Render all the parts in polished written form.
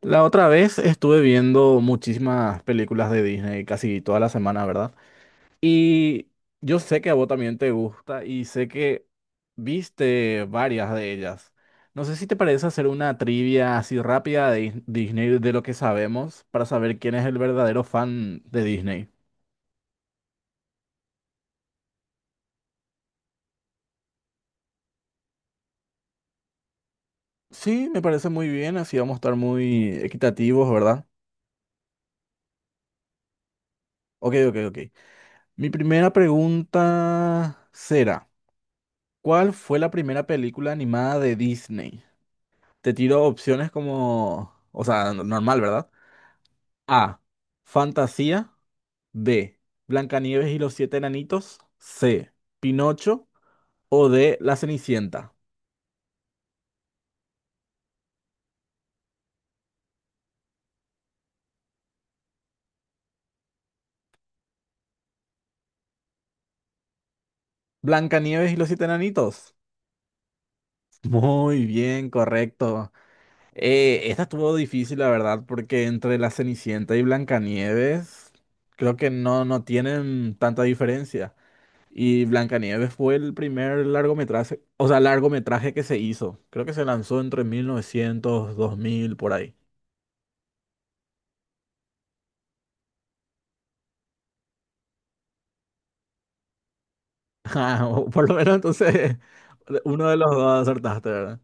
La otra vez estuve viendo muchísimas películas de Disney, casi toda la semana, ¿verdad? Y yo sé que a vos también te gusta y sé que viste varias de ellas. No sé si te parece hacer una trivia así rápida de Disney de lo que sabemos para saber quién es el verdadero fan de Disney. Sí, me parece muy bien, así vamos a estar muy equitativos, ¿verdad? Ok, ok, ok. Mi primera pregunta será: ¿cuál fue la primera película animada de Disney? Te tiro opciones como, o sea, normal, ¿verdad? A, Fantasía; B, Blancanieves y los siete enanitos; C, Pinocho; o D, La Cenicienta. Blancanieves y los siete enanitos. Muy bien, correcto. Esta estuvo difícil, la verdad, porque entre La Cenicienta y Blancanieves creo que no tienen tanta diferencia. Y Blancanieves fue el primer largometraje, o sea, largometraje que se hizo. Creo que se lanzó entre 1900, 2000, por ahí. Ah, o por lo menos entonces uno de los dos acertaste, ¿verdad?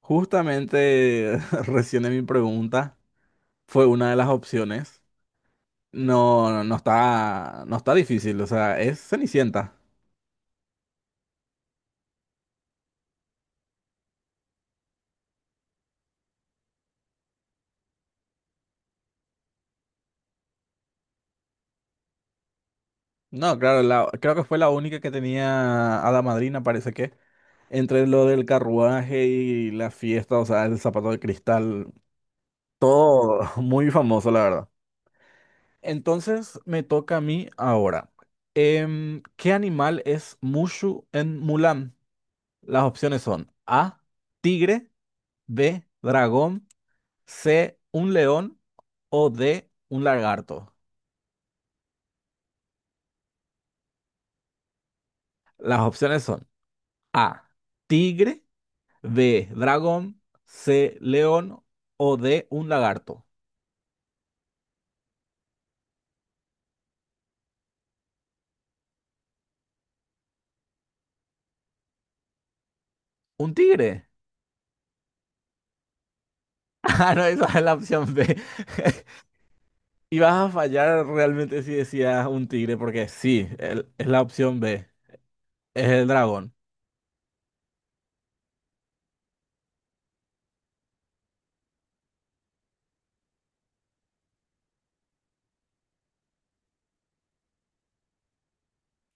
Justamente recién en mi pregunta fue una de las opciones. No está, no está difícil, o sea, es Cenicienta. No, claro, creo que fue la única que tenía Hada Madrina, parece que. Entre lo del carruaje y la fiesta, o sea, el zapato de cristal, todo muy famoso, la verdad. Entonces me toca a mí ahora. ¿Qué animal es Mushu en Mulan? Las opciones son A, tigre; B, dragón; C, un león; o D, un lagarto. Las opciones son A, tigre; B, dragón; C, león; o D, un lagarto. ¿Un tigre? Ah, no, esa es la opción B. Y vas a fallar realmente si decías un tigre, porque sí, es la opción B, es el dragón.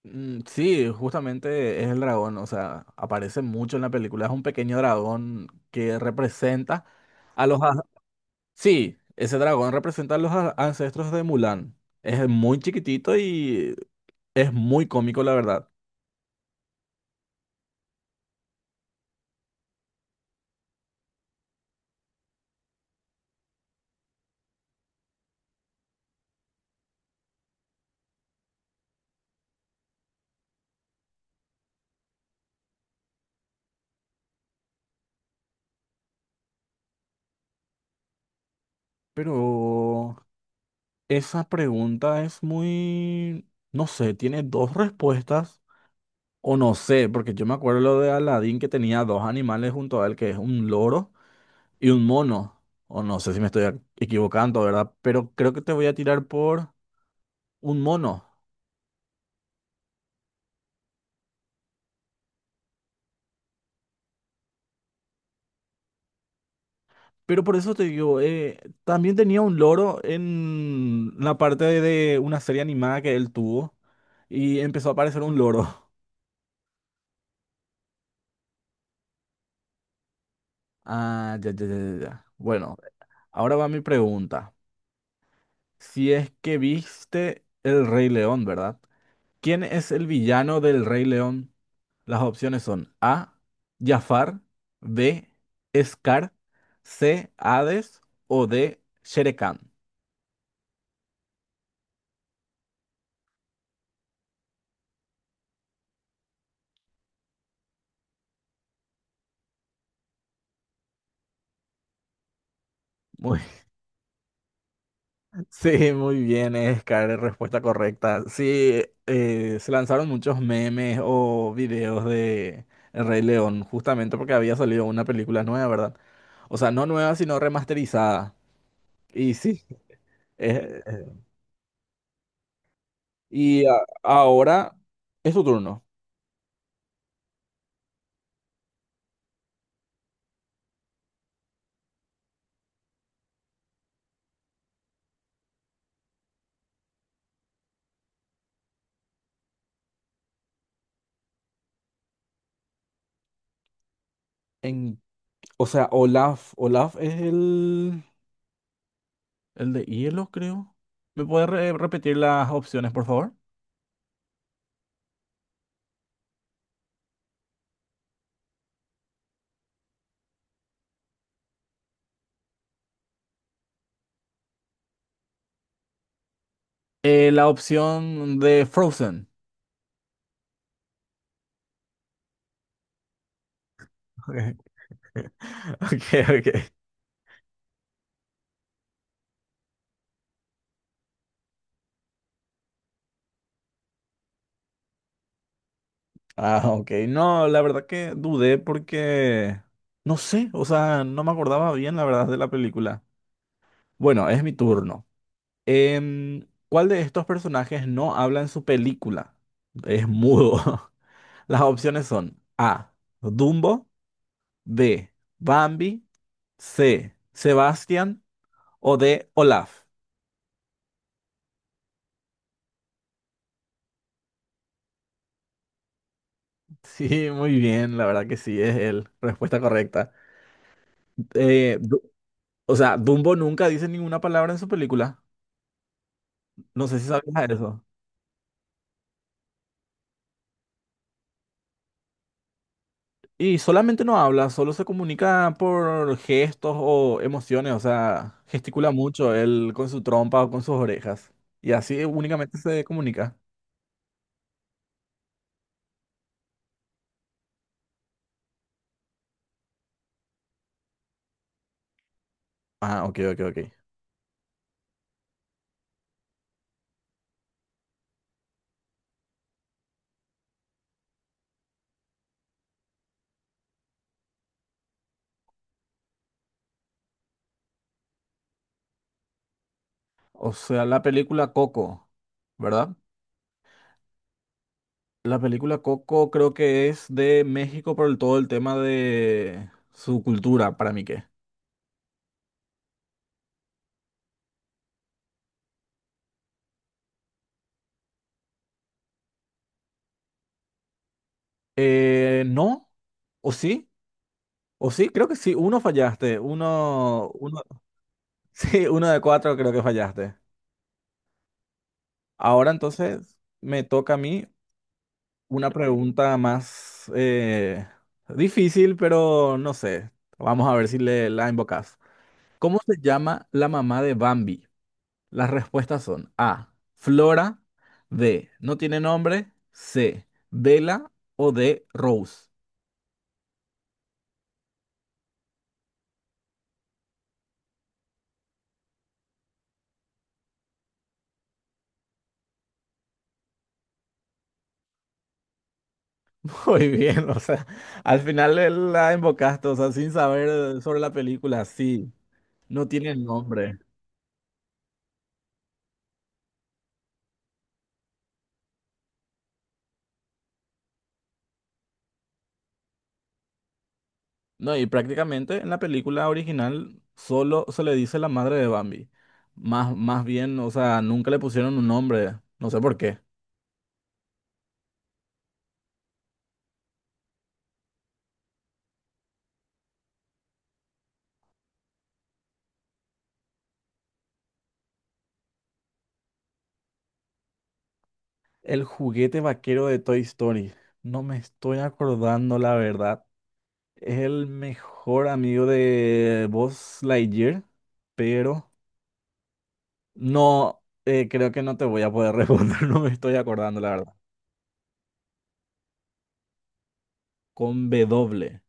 Mm, sí, justamente es el dragón, o sea, aparece mucho en la película, es un pequeño dragón que representa a los... Sí, ese dragón representa a los ancestros de Mulan. Es muy chiquitito y es muy cómico, la verdad. Pero esa pregunta es muy... No sé, tiene dos respuestas. O no sé, porque yo me acuerdo lo de Aladdin que tenía dos animales junto a él, que es un loro y un mono. O no sé si me estoy equivocando, ¿verdad? Pero creo que te voy a tirar por un mono. Pero por eso te digo, también tenía un loro en la parte de una serie animada que él tuvo y empezó a aparecer un loro. Ah, ya. Bueno, ahora va mi pregunta. Si es que viste El Rey León, ¿verdad? ¿Quién es el villano del Rey León? Las opciones son A, Jafar; B, Scar; C, Hades; o D, Shere Khan. Muy, sí, muy bien, Scar, respuesta correcta. Sí, se lanzaron muchos memes o videos de El Rey León, justamente porque había salido una película nueva, ¿verdad? O sea, no nueva, sino remasterizada. Y sí, eh, eh, y ahora es tu turno. En, o sea, Olaf, Olaf es el... El de hielo, creo. ¿Me puedes repetir las opciones, por favor? La opción de Frozen. Okay, okay. Okay. Ah, ok. No, la verdad que dudé porque no sé, o sea, no me acordaba bien la verdad de la película. Bueno, es mi turno. ¿Cuál de estos personajes no habla en su película? Es mudo. Las opciones son A, Dumbo; B, Bambi; C, Sebastián; o de Olaf? Sí, muy bien, la verdad que sí, es él. Respuesta correcta. Eh, Du- o sea, Dumbo nunca dice ninguna palabra en su película. No sé si sabías eso. Y solamente no habla, solo se comunica por gestos o emociones. O sea, gesticula mucho él con su trompa o con sus orejas. Y así únicamente se comunica. Ah, ok, ok, ok. O sea, la película Coco, ¿verdad? La película Coco creo que es de México por todo el tema de su cultura, para mí que. ¿No? ¿O sí? ¿O sí? Creo que sí. Uno fallaste. Sí, uno de cuatro creo que fallaste. Ahora entonces me toca a mí una pregunta más difícil, pero no sé. Vamos a ver si le, la invocas. ¿Cómo se llama la mamá de Bambi? Las respuestas son A, Flora; B, no tiene nombre; C, Vela; o D, Rose. Muy bien, o sea, al final la embocaste, o sea, sin saber sobre la película, sí, no tiene nombre. No, y prácticamente en la película original solo se le dice la madre de Bambi. Más bien, o sea, nunca le pusieron un nombre, no sé por qué. El juguete vaquero de Toy Story. No me estoy acordando, la verdad. Es el mejor amigo de Buzz Lightyear, pero no, creo que no te voy a poder responder, no me estoy acordando, la verdad. Con B doble.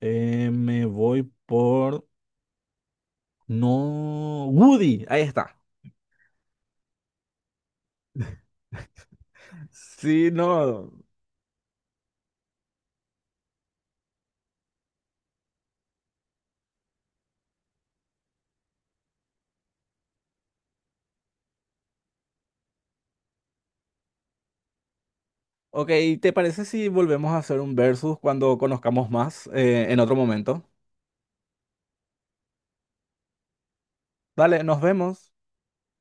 Me voy por... No, Woody, ahí está. Sí, no. Ok, ¿te parece si volvemos a hacer un versus cuando conozcamos más en otro momento? Dale, nos vemos.